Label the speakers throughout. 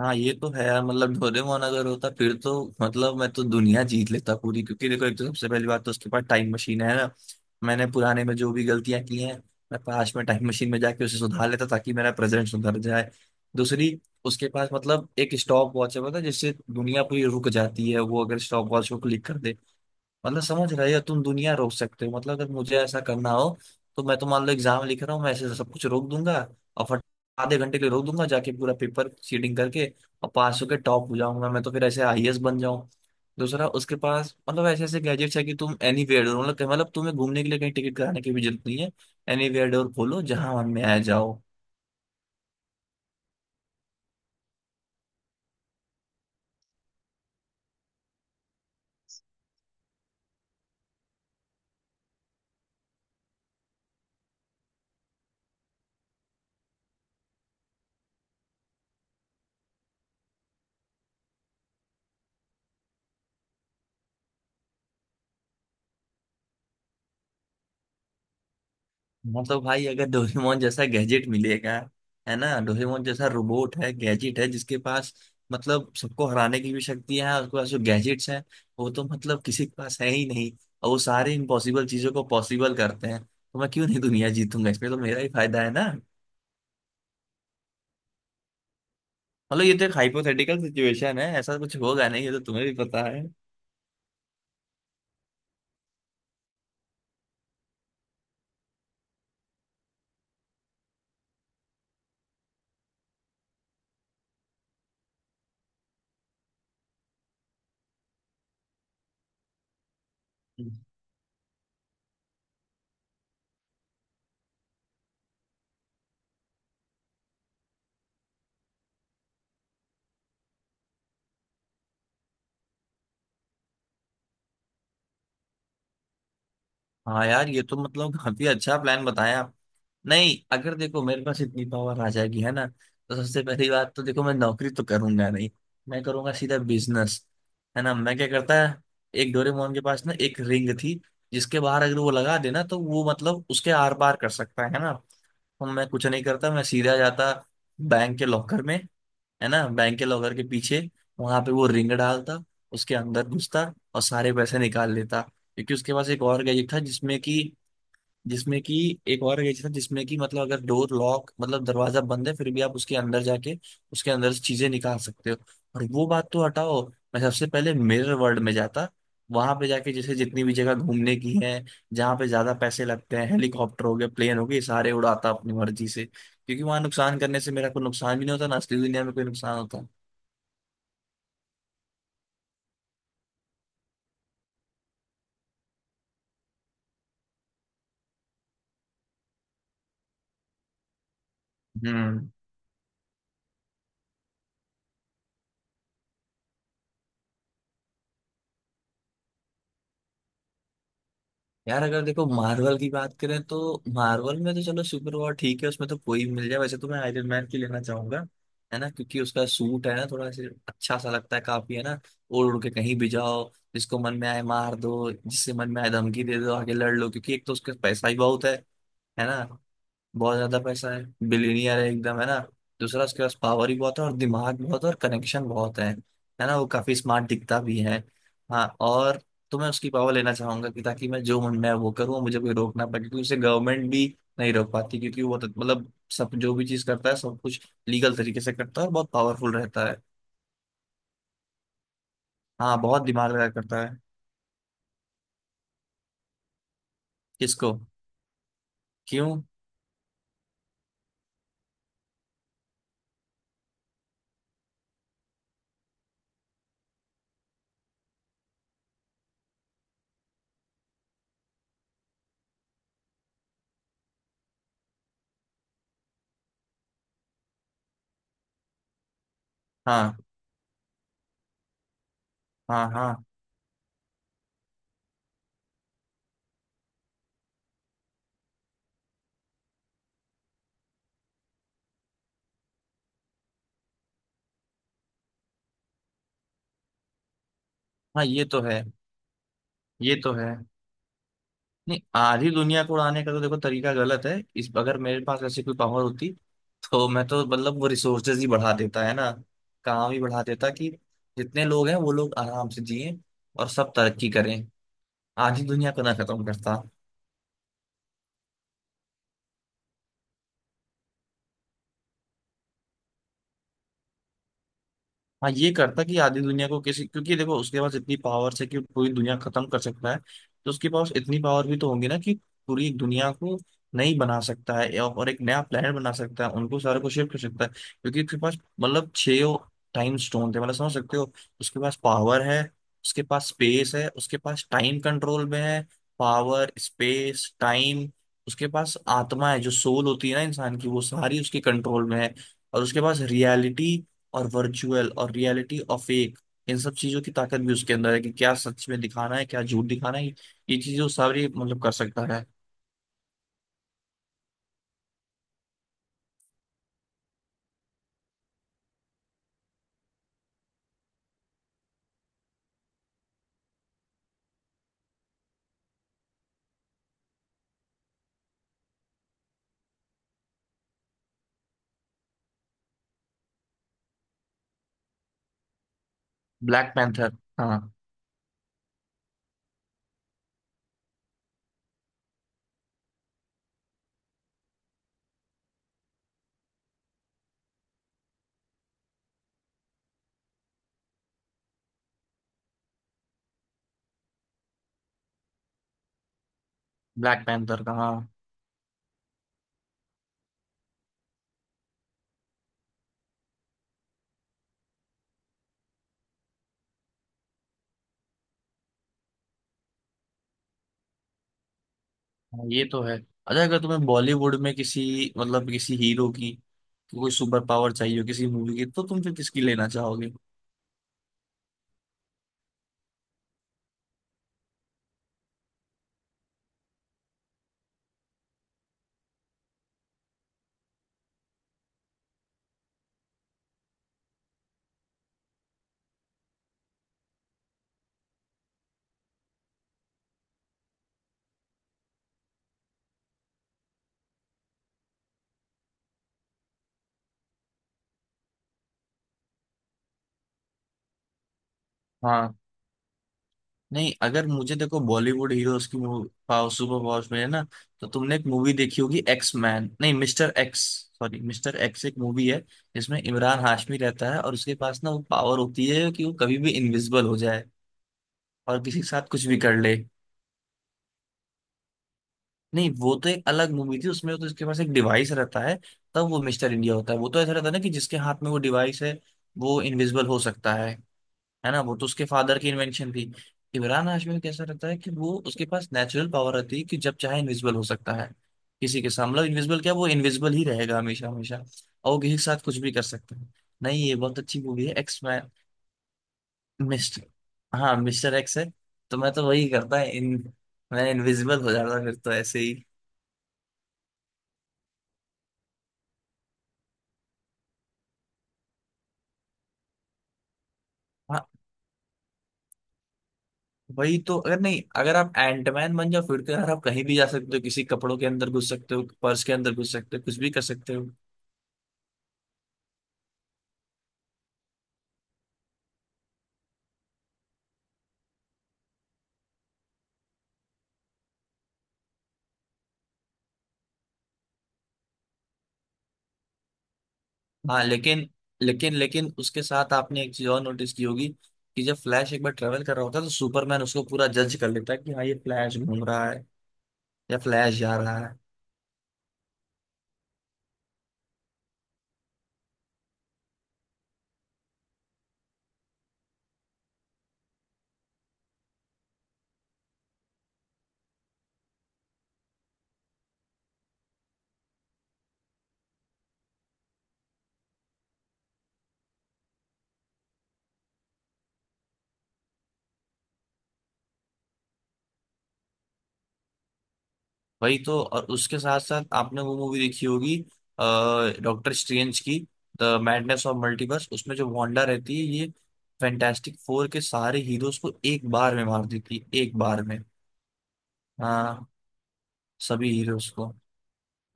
Speaker 1: हाँ, ये तो है यार। मतलब डोरेमोन अगर होता फिर तो मतलब मैं तो दुनिया जीत लेता पूरी। क्योंकि देखो, एक तो सबसे पहली बात तो उसके पास टाइम मशीन है ना। मैंने पुराने में जो भी गलतियां की हैं, मैं पास में टाइम मशीन में जाके उसे सुधार लेता ताकि मेरा प्रेजेंट सुधर जाए। दूसरी, उसके पास मतलब एक स्टॉप वॉच है पता है, जिससे दुनिया पूरी रुक जाती है वो अगर स्टॉप वॉच को क्लिक कर दे। मतलब समझ रहे हो, तुम दुनिया रोक सकते हो। मतलब अगर मुझे ऐसा करना हो तो मैं, तो मान लो एग्जाम लिख रहा हूँ, मैं ऐसे सब कुछ रोक दूंगा और फट आधे घंटे के लिए रोक दूंगा, जाके पूरा पेपर सीडिंग करके और पास होके टॉप हो जाऊंगा। मैं तो फिर ऐसे आईएएस बन जाऊं। दूसरा, उसके पास मतलब ऐसे ऐसे गैजेट्स है कि तुम एनी वेयर डोर, मतलब तुम्हें घूमने के लिए कहीं टिकट कराने की भी जरूरत नहीं है। एनी वेयर डोर खोलो, जहां मन में आ जाओ। हाँ तो भाई, अगर डोरेमोन जैसा गैजेट मिलेगा, है ना, डोरेमोन जैसा रोबोट है, गैजेट है जिसके पास मतलब सबको हराने की भी शक्ति है। उसके पास जो गैजेट्स हैं वो तो मतलब किसी के पास है ही नहीं। और वो सारे इम्पॉसिबल चीजों को पॉसिबल करते हैं, तो मैं क्यों नहीं दुनिया जीतूंगा। इसमें तो मेरा ही फायदा है ना। मतलब ये तो एक हाइपोथेटिकल सिचुएशन है, ऐसा कुछ होगा नहीं, ये तो तुम्हें भी पता है। हाँ यार, ये तो मतलब काफी अच्छा प्लान बताया आप। नहीं, अगर देखो मेरे पास इतनी पावर आ जाएगी है ना, तो सबसे पहली बात तो देखो, मैं नौकरी तो करूंगा नहीं। मैं करूंगा सीधा बिजनेस। है ना, मैं क्या करता है, एक डोरेमोन के पास ना एक रिंग थी जिसके बाहर अगर वो लगा देना तो वो मतलब उसके आर पार कर सकता है ना। तो मैं कुछ नहीं करता, मैं सीधा जाता बैंक के लॉकर में। है ना, बैंक के लॉकर के पीछे वहां पे वो रिंग डालता, उसके अंदर घुसता और सारे पैसे निकाल लेता। क्योंकि उसके पास एक और गैजेट था जिसमें कि एक और एडिशन, जिसमें कि मतलब अगर डोर लॉक, मतलब दरवाजा बंद है फिर भी आप उसके अंदर जाके उसके अंदर से चीजें निकाल सकते हो। और वो बात तो हटाओ, मैं सबसे पहले मिरर वर्ल्ड में जाता। वहां पे जाके जैसे जितनी भी जगह घूमने की है, जहाँ पे ज्यादा पैसे लगते हैं, हेलीकॉप्टर हो गए, प्लेन हो गए, ये सारे उड़ाता अपनी मर्जी से। क्योंकि वहां नुकसान करने से मेरा कोई नुकसान भी नहीं होता ना, असली दुनिया में कोई नुकसान होता। हम्म। यार अगर देखो मार्वल की बात करें, तो मार्वल में तो चलो, सुपर वॉर ठीक है, उसमें तो कोई भी मिल जाए, वैसे तो मैं आयरन मैन की लेना चाहूंगा। है ना, क्योंकि उसका सूट है ना थोड़ा सा अच्छा सा लगता है काफी, है ना। ओढ़ उड़ के कहीं भी जाओ, जिसको मन में आए मार दो, जिससे मन में आए धमकी दे दो, आगे लड़ लो। क्योंकि एक तो उसका पैसा ही बहुत है ना, बहुत ज्यादा पैसा है। बिलियनियर है एकदम, है ना। दूसरा, उसके पास पावर ही बहुत है और दिमाग बहुत है और कनेक्शन बहुत है। है ना, वो काफी स्मार्ट दिखता भी है। हाँ, और तो मैं उसकी पावर लेना चाहूंगा कि ताकि मैं जो मन मैं वो करूँ, मुझे कोई रोकना पड़े। क्योंकि उसे गवर्नमेंट भी नहीं रोक पाती, क्योंकि वो तो, मतलब सब जो भी चीज करता है सब कुछ लीगल तरीके से करता है और बहुत पावरफुल रहता है। हाँ, बहुत दिमाग लगा करता है। किसको? क्यों? हाँ, हाँ। हाँ। हाँ, ये तो है। ये तो है। नहीं, आधी दुनिया को उड़ाने का तो देखो तरीका गलत है इस। अगर मेरे पास ऐसी कोई पावर होती, तो मैं तो मतलब वो रिसोर्सेज ही बढ़ा देता है ना। काम ही बढ़ा देता कि जितने लोग हैं वो लोग आराम से जिए और सब तरक्की करें। आधी दुनिया को ना खत्म करता। हाँ, ये करता कि आधी दुनिया को किसी, क्योंकि देखो उसके पास इतनी पावर है कि पूरी दुनिया खत्म कर सकता है। तो उसके पास इतनी पावर भी तो होगी ना कि पूरी दुनिया को नहीं बना सकता है और एक नया प्लेनेट बना सकता है, उनको सारे को शिफ्ट कर सकता है। क्योंकि उसके पास मतलब छह टाइम स्टोन थे, मतलब समझ सकते हो। उसके पास पावर है, उसके पास स्पेस है, उसके पास टाइम कंट्रोल में है। Power, space, time. उसके पास आत्मा है, जो सोल होती है ना इंसान की, वो सारी उसके कंट्रोल में है। और उसके पास रियलिटी, और वर्चुअल और रियलिटी और फेक, इन सब चीजों की ताकत भी उसके अंदर है कि क्या सच में दिखाना है, क्या झूठ दिखाना है। ये चीजें वो सारी मतलब कर सकता है। Black Panther. हाँ। ब्लैक पैंथर का, हाँ। हाँ, ये तो है। अच्छा, अगर तुम्हें बॉलीवुड में किसी मतलब किसी हीरो की कोई सुपर पावर चाहिए हो किसी मूवी की, तो तुम फिर किसकी लेना चाहोगे? हाँ। नहीं, अगर मुझे देखो बॉलीवुड हीरोज की मूवी पावर, सुपर पावर्स में है ना, तो तुमने एक मूवी देखी होगी, एक्स मैन, नहीं, mister X, sorry, mister X एक मूवी है जिसमें इमरान हाशमी रहता है और उसके पास ना वो पावर होती है कि वो कभी भी इनविजिबल हो जाए और किसी के साथ कुछ भी कर ले। नहीं, वो तो एक अलग मूवी थी, उसमें तो उसके पास एक डिवाइस रहता है, तब वो मिस्टर इंडिया होता है। वो तो ऐसा रहता है ना कि जिसके हाथ में वो डिवाइस है वो इनविजिबल हो सकता है। है ना, वो तो उसके फादर की इन्वेंशन थी। इमरान हाशमी में कैसा रहता है कि वो उसके पास नेचुरल पावर रहती है कि जब चाहे इनविजिबल हो सकता है किसी के सामने। मतलब इनविजिबल, क्या वो इनविजिबल ही रहेगा हमेशा हमेशा, और वो किसी के साथ कुछ भी कर सकता है। नहीं, ये बहुत अच्छी मूवी है, एक्स मैन, मिस्टर हाँ, मिस्टर एक्स है। तो मैं तो वही करता है इन मैं, इनविजिबल हो जाता फिर तो ऐसे ही। हाँ, वही तो। अगर आप एंटमैन बन जाओ फिर तो यार, आप कहीं भी जा सकते हो, किसी कपड़ों के अंदर घुस सकते हो, पर्स के अंदर घुस सकते हो, कुछ भी कर सकते हो। हाँ लेकिन, लेकिन उसके साथ आपने एक चीज और नोटिस की होगी कि जब फ्लैश एक बार ट्रेवल कर रहा होता है, तो सुपरमैन उसको पूरा जज कर लेता है कि हाँ, ये फ्लैश घूम रहा है या फ्लैश जा रहा है। वही तो। और उसके साथ साथ आपने वो मूवी देखी होगी डॉक्टर स्ट्रेंज की, द मैडनेस ऑफ मल्टीवर्स, उसमें जो वांडा रहती है ये फैंटास्टिक फोर के सारे हीरोज को एक बार में मार देती है, एक बार में। हाँ, सभी हीरोज को।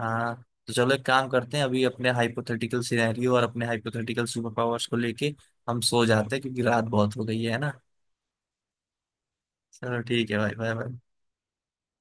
Speaker 1: हाँ। तो चलो, एक काम करते हैं, अभी अपने हाइपोथेटिकल सिनेरियो और अपने हाइपोथेटिकल सुपर पावर्स को लेके हम सो जाते हैं क्योंकि रात बहुत हो गई है ना। चलो ठीक है भाई, बाय बाय।